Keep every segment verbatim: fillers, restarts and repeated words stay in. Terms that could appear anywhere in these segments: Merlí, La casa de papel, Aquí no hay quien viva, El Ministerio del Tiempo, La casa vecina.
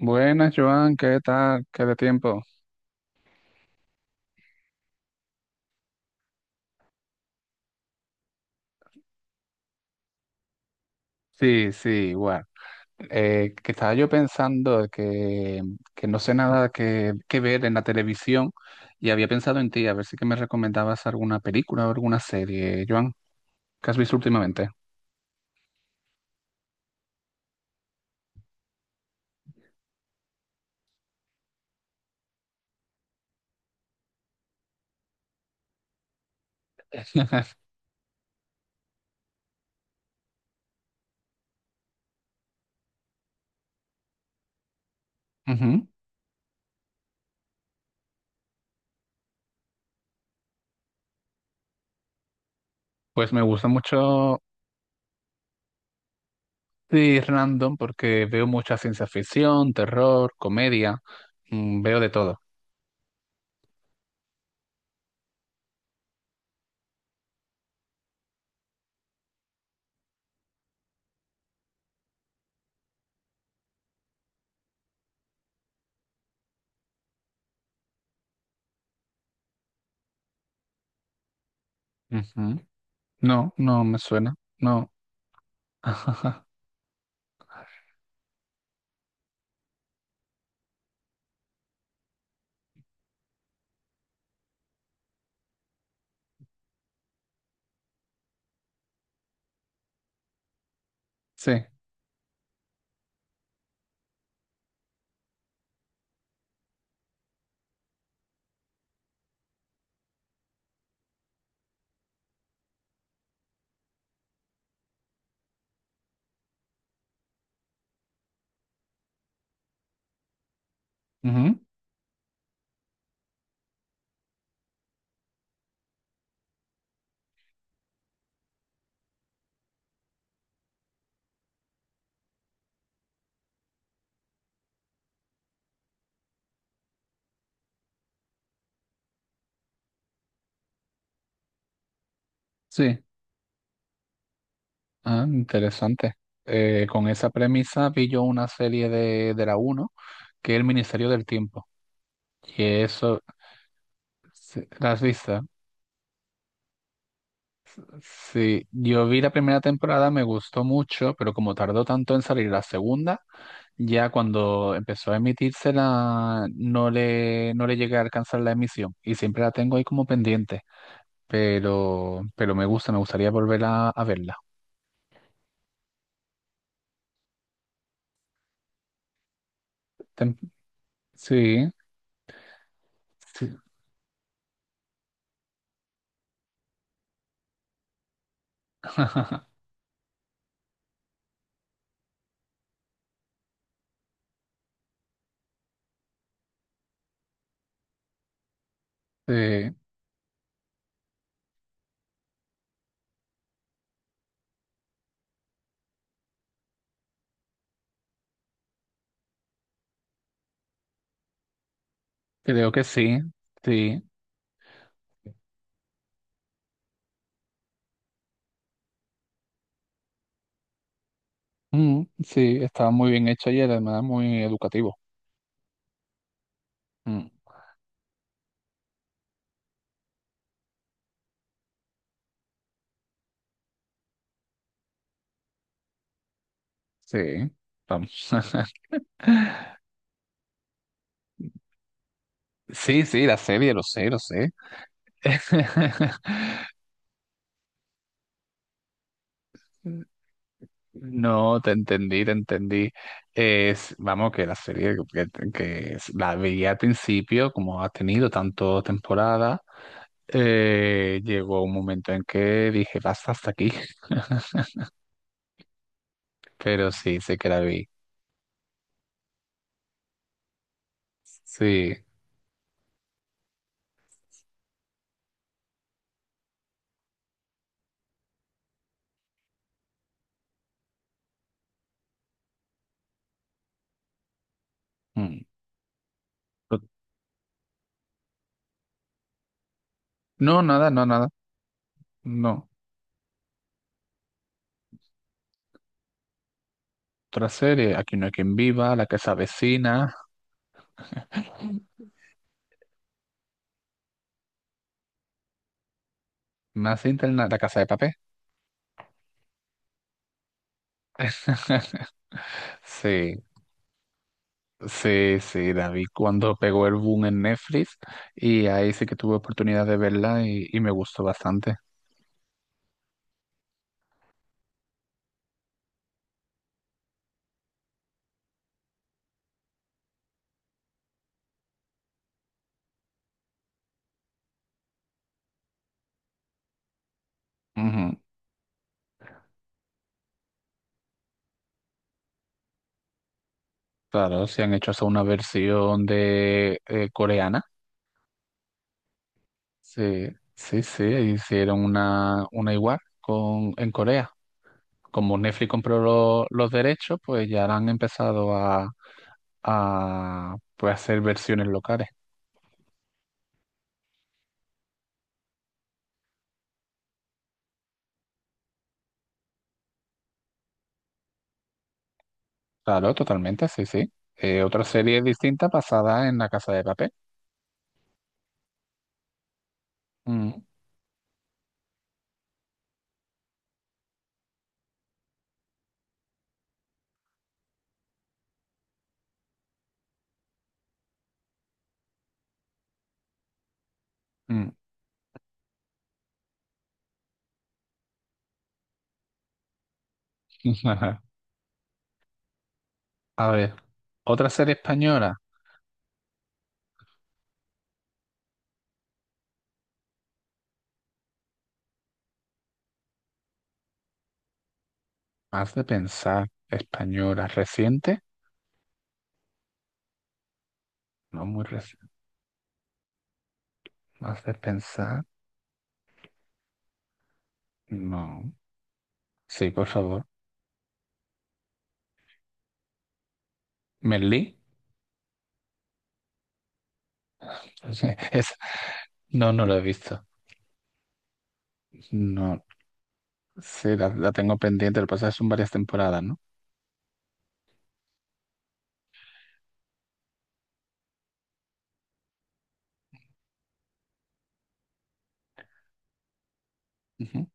Buenas, Joan, ¿qué tal? ¿Qué de tiempo? Sí, sí, igual. Eh, que estaba yo pensando que, que no sé nada que, que ver en la televisión y había pensado en ti, a ver si que me recomendabas alguna película o alguna serie, Joan. ¿Qué has visto últimamente? Ujú. Pues me gusta mucho, sí, random, porque veo mucha ciencia ficción, terror, comedia, mm, veo de todo. Ujú. No, no me suena, no. Sí, ujú, sí. Ah, interesante. Eh, con esa premisa vi yo una serie de, de la uno que es El Ministerio del Tiempo. Y eso, sí, ¿la has visto? Sí, yo vi la primera temporada, me gustó mucho, pero como tardó tanto en salir la segunda, ya cuando empezó a emitírsela, no le, no le llegué a alcanzar la emisión. Y siempre la tengo ahí como pendiente. Pero, pero me gusta, me gustaría volver a, a verla. Tem- sí, sí, sí, creo que sí, sí. Mm, sí, estaba muy bien hecha y además muy educativo. Mm, sí, vamos. Sí, sí, la serie, lo sé, lo sé. No, te entendí, te entendí. Es, vamos, que la serie que, que es- la veía al principio, como ha tenido tantas temporadas, eh, llegó un momento en que dije, basta hasta aquí. Pero sí, sé que la vi. Sí. Mm. No, nada, no, nada. No. Otra serie, Aquí no hay quien viva, La casa vecina, más interna, La casa de papel. Sí, sí, sí, David, cuando pegó el boom en Netflix y ahí sí que tuve oportunidad de verla y, y me gustó bastante. Ujú. Claro, se han hecho hasta una versión de eh, coreana. Sí, sí, sí, hicieron una, una igual con, en Corea. Como Netflix compró lo- los derechos, pues ya han empezado a, a pues, hacer versiones locales. Claro, totalmente, sí, sí. Eh, otra serie distinta basada en La Casa de Papel. Mm, mm. A ver, otra serie española, más de pensar, española, reciente, no muy reciente, más de pensar, no. Sí, por favor. Merlí. Sí, Es- no, no lo he visto. No, sí, la, la tengo pendiente. Lo que pasa es que son varias temporadas, ¿no? Ujú.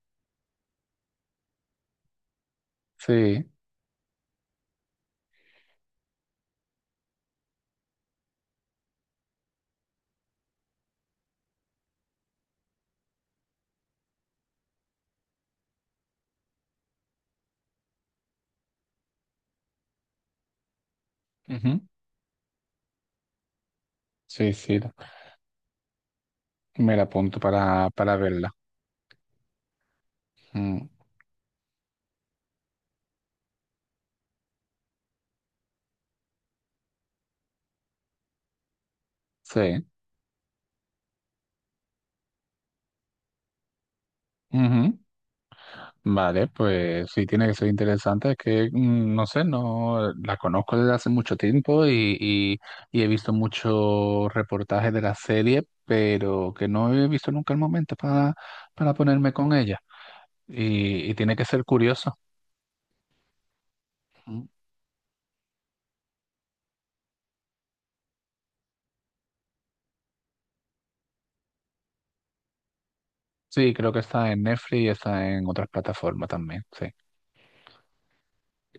Sí, ujú. Sí, sí. Me la apunto para, para verla. Mm, sí. Ujú. Vale, pues sí, tiene que ser interesante. Es que, mm, no sé, no la conozco desde hace mucho tiempo y, y, y he visto muchos reportajes de la serie, pero que no he visto nunca el momento para, para ponerme con ella. Y, y tiene que ser curioso. Mm. Sí, creo que está en Netflix y está en otras plataformas también, sí.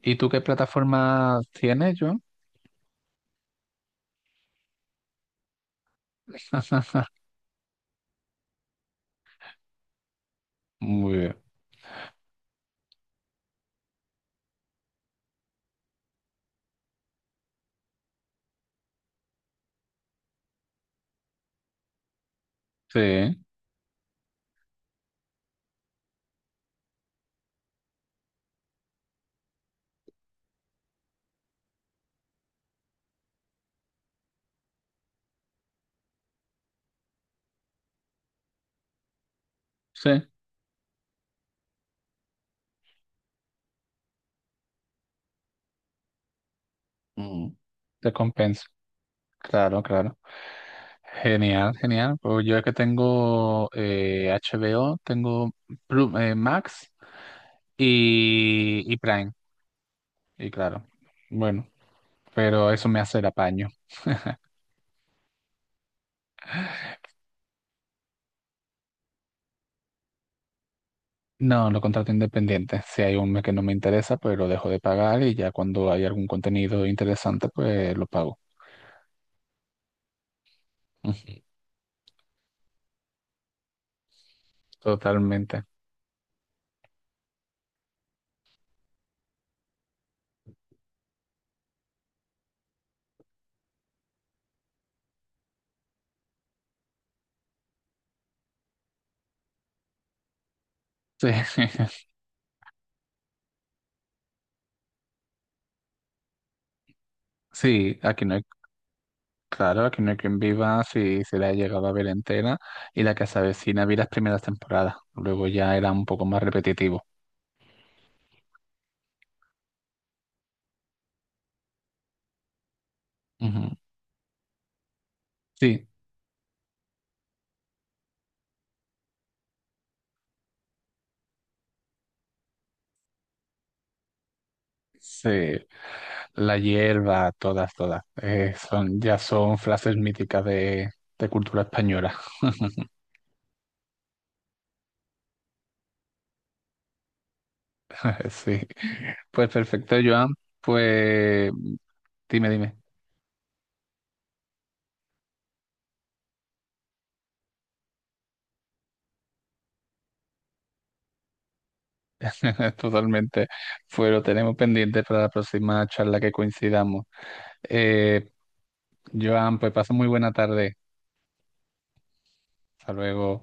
¿Y tú qué plataforma tienes, yo? Muy bien. Sí, sí. Mm. Te compensa. Claro, claro. Genial, genial. Pues yo es que tengo eh, H B O, tengo Plu- eh, Max y, y Prime. Y claro, bueno, pero eso me hace el apaño. No, lo contrato independiente. Si hay un mes que no me interesa, pues lo dejo de pagar y ya cuando hay algún contenido interesante, pues lo pago. Ujú, totalmente. Sí, sí, aquí no hay, claro, aquí no hay quien viva si se la ha llegado a ver entera y la que se avecina vi las primeras temporadas. Luego ya era un poco más repetitivo. Ujú. Sí, sí, la hierba, todas, todas. Eh, son, ya son frases míticas de, de cultura española. Sí. Pues perfecto, Joan. Pues dime, dime. Totalmente. Pues lo tenemos pendiente para la próxima charla que coincidamos. Eh, Joan, pues pasa muy buena tarde. Hasta luego.